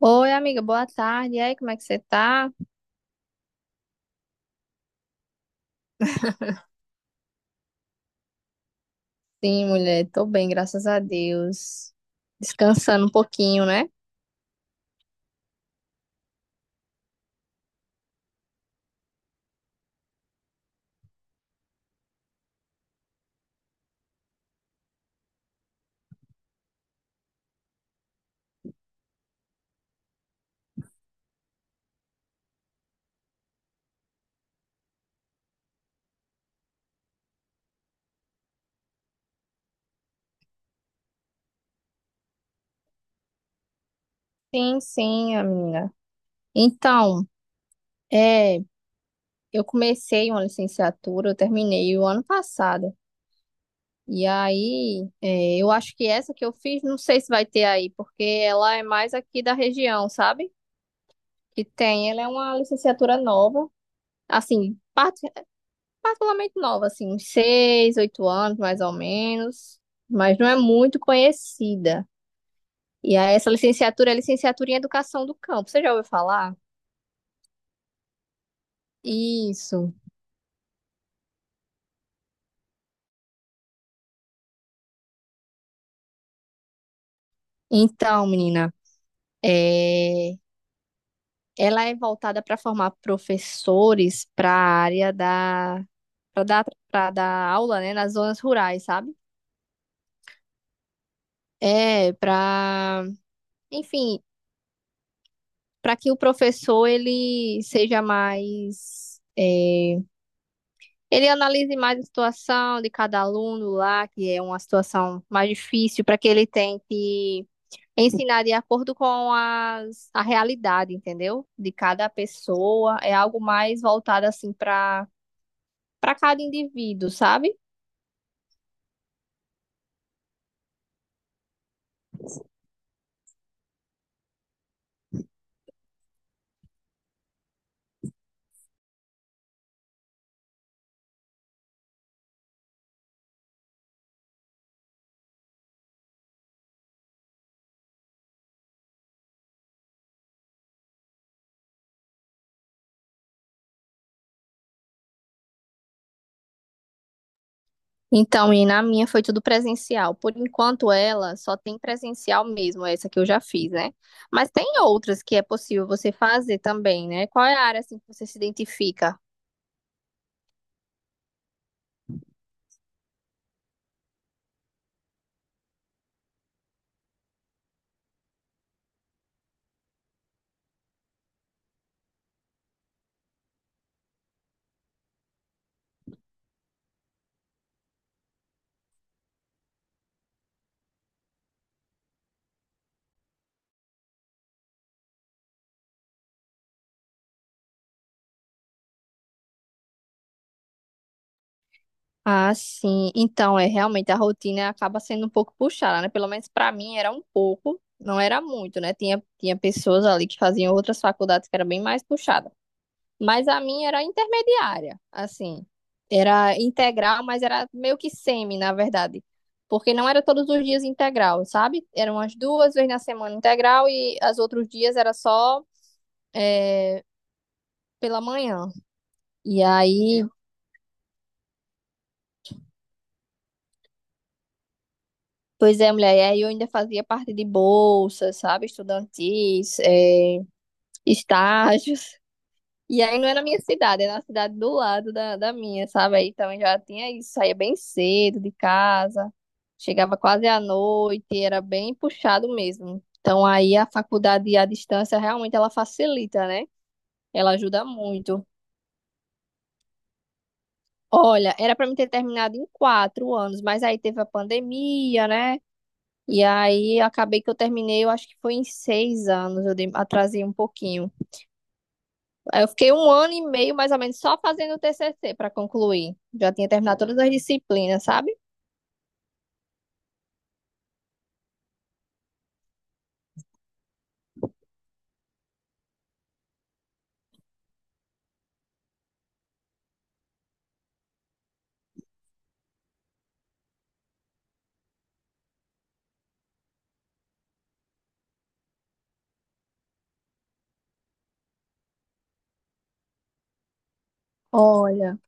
Oi, amiga, boa tarde. E aí, como é que você tá? Sim, mulher, tô bem, graças a Deus. Descansando um pouquinho, né? Sim, sim, amiga. Então, é, eu comecei uma licenciatura, eu terminei o ano passado. E aí, eu acho que essa que eu fiz, não sei se vai ter aí, porque ela é mais aqui da região, sabe? Que tem, ela é uma licenciatura nova. Assim, particularmente nova, assim, uns seis, oito anos, mais ou menos, mas não é muito conhecida. E aí, essa licenciatura é licenciatura em Educação do Campo. Você já ouviu falar? Isso. Então, menina, é... ela é voltada para formar professores para a área da para dar para dar aula, né, nas zonas rurais, sabe? É, para, enfim, para que o professor ele seja ele analise mais a situação de cada aluno lá, que é uma situação mais difícil, para que ele tente ensinar de acordo com a realidade, entendeu? De cada pessoa. É algo mais voltado assim para cada indivíduo, sabe? E na minha foi tudo presencial. Por enquanto, ela só tem presencial mesmo, essa que eu já fiz, né? Mas tem outras que é possível você fazer também, né? Qual é a área assim que você se identifica? Ah, sim. Então, é realmente a rotina acaba sendo um pouco puxada, né? Pelo menos pra mim era um pouco, não era muito, né? Tinha pessoas ali que faziam outras faculdades que era bem mais puxada. Mas a minha era intermediária, assim. Era integral, mas era meio que semi, na verdade. Porque não era todos os dias integral, sabe? Eram as duas vezes na semana integral e os outros dias era só, eh, pela manhã. E aí pois é, mulher, e aí eu ainda fazia parte de bolsas, sabe, estudantis, estágios. E aí não é na minha cidade, é na cidade do lado da minha, sabe? Aí também já tinha isso, saía bem cedo de casa, chegava quase à noite, era bem puxado mesmo. Então aí a faculdade à distância realmente ela facilita, né? Ela ajuda muito. Olha, era para mim ter terminado em quatro anos, mas aí teve a pandemia, né? E aí acabei que eu terminei, eu acho que foi em seis anos, eu atrasei um pouquinho. Aí eu fiquei um ano e meio, mais ou menos, só fazendo o TCC para concluir. Já tinha terminado todas as disciplinas, sabe? Olha,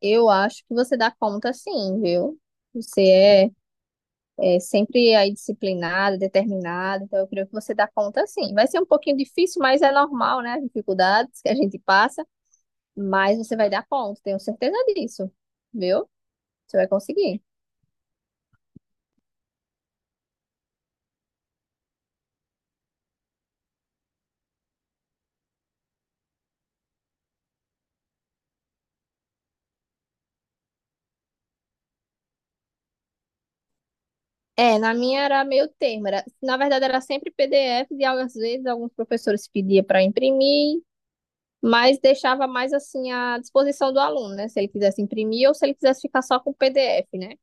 eu acho que você dá conta sim, viu? Você é, é sempre aí disciplinada, determinada, então eu creio que você dá conta sim. Vai ser um pouquinho difícil, mas é normal, né? As dificuldades que a gente passa, mas você vai dar conta, tenho certeza disso, viu? Você vai conseguir. É, na minha era meio termo. Era, na verdade, era sempre PDF e às vezes alguns professores pediam para imprimir, mas deixava mais assim à disposição do aluno, né? Se ele quisesse imprimir ou se ele quisesse ficar só com o PDF, né?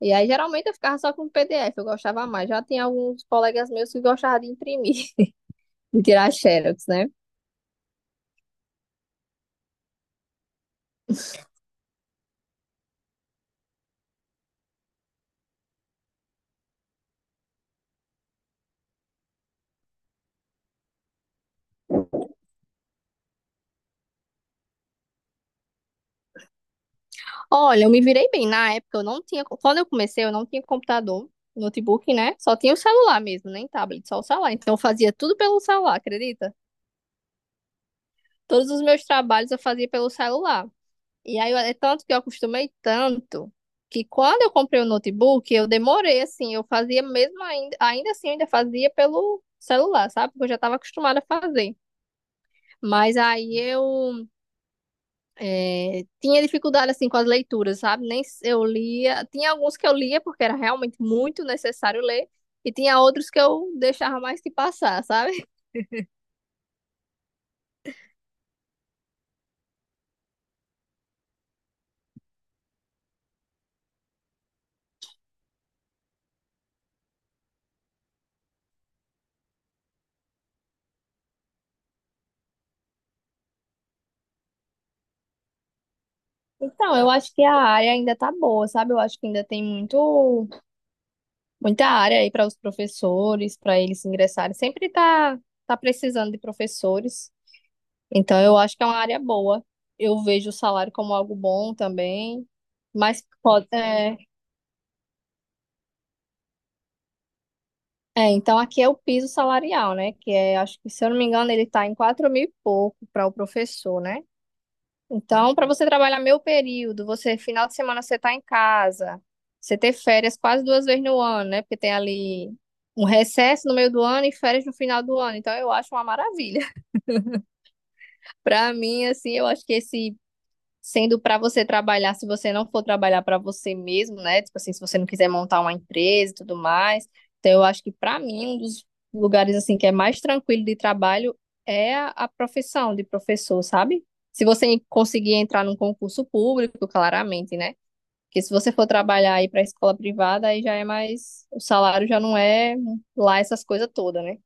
E aí geralmente eu ficava só com o PDF, eu gostava mais. Já tem alguns colegas meus que gostavam de imprimir, de tirar xerox, né? Olha, eu me virei bem. Na época eu não tinha, quando eu comecei, eu não tinha computador. Notebook, né? Só tinha o celular mesmo, nem tablet, só o celular. Então eu fazia tudo pelo celular, acredita? Todos os meus trabalhos eu fazia pelo celular. E aí, é tanto que eu acostumei tanto que quando eu comprei o notebook, eu demorei, assim, eu fazia mesmo ainda, ainda assim, eu ainda fazia pelo celular, sabe? Porque eu já estava acostumada a fazer. Mas aí tinha dificuldade, assim, com as leituras, sabe? Nem s- Eu lia. Tinha alguns que eu lia porque era realmente muito necessário ler. E tinha outros que eu deixava mais que passar, sabe? Então, eu acho que a área ainda tá boa, sabe? Eu acho que ainda tem muito Muita área aí para os professores, para eles ingressarem. Tá precisando de professores. Então, eu acho que é uma área boa. Eu vejo o salário como algo bom também. Mas pode. Então, aqui é o piso salarial, né? Que é, acho que, se eu não me engano, ele está em 4 mil e pouco para o professor, né? Então, para você trabalhar meio período, você final de semana você tá em casa, você ter férias quase duas vezes no ano, né? Porque tem ali um recesso no meio do ano e férias no final do ano. Então, eu acho uma maravilha. Para mim, assim, eu acho que esse sendo para você trabalhar, se você não for trabalhar para você mesmo, né? Tipo assim, se você não quiser montar uma empresa e tudo mais. Então, eu acho que para mim, um dos lugares assim que é mais tranquilo de trabalho é a profissão de professor, sabe? Se você conseguir entrar num concurso público, claramente, né? Porque se você for trabalhar aí para escola privada, aí já é mais, o salário já não é lá essas coisas todas, né?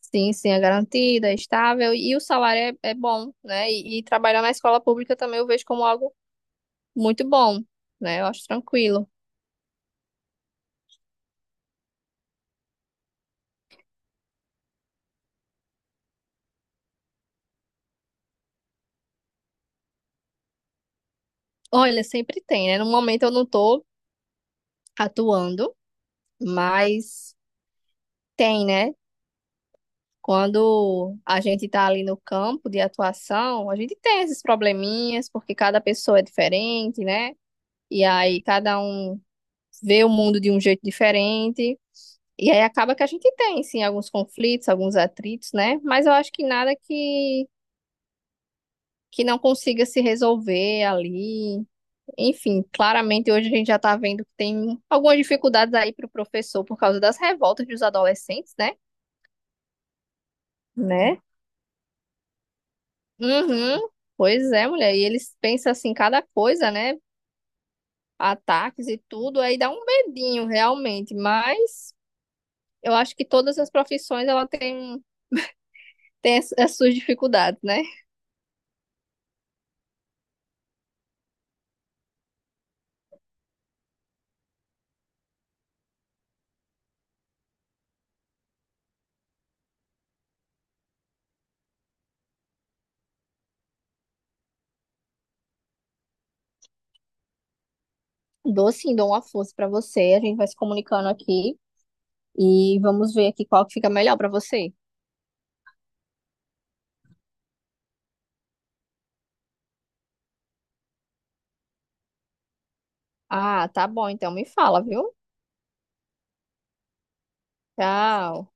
Sim, sim, é garantida, é estável e o salário é bom, né? E trabalhar na escola pública também eu vejo como algo muito bom, né? Eu acho tranquilo. Olha, sempre tem, né? No momento eu não tô atuando, mas tem, né? Quando a gente tá ali no campo de atuação, a gente tem esses probleminhas, porque cada pessoa é diferente, né? E aí cada um vê o mundo de um jeito diferente. E aí acaba que a gente tem, sim, alguns conflitos, alguns atritos, né? Mas eu acho que, nada que não consiga se resolver ali, enfim, claramente hoje a gente já está vendo que tem algumas dificuldades aí para o professor por causa das revoltas dos adolescentes, né? Né? Uhum. Pois é, mulher. E eles pensam assim, cada coisa, né? Ataques e tudo, aí dá um medinho realmente. Mas eu acho que todas as profissões ela tem, tem as suas dificuldades, né? Dou sim, dou uma força para você. A gente vai se comunicando aqui e vamos ver aqui qual que fica melhor para você. Ah, tá bom. Então me fala, viu? Tchau.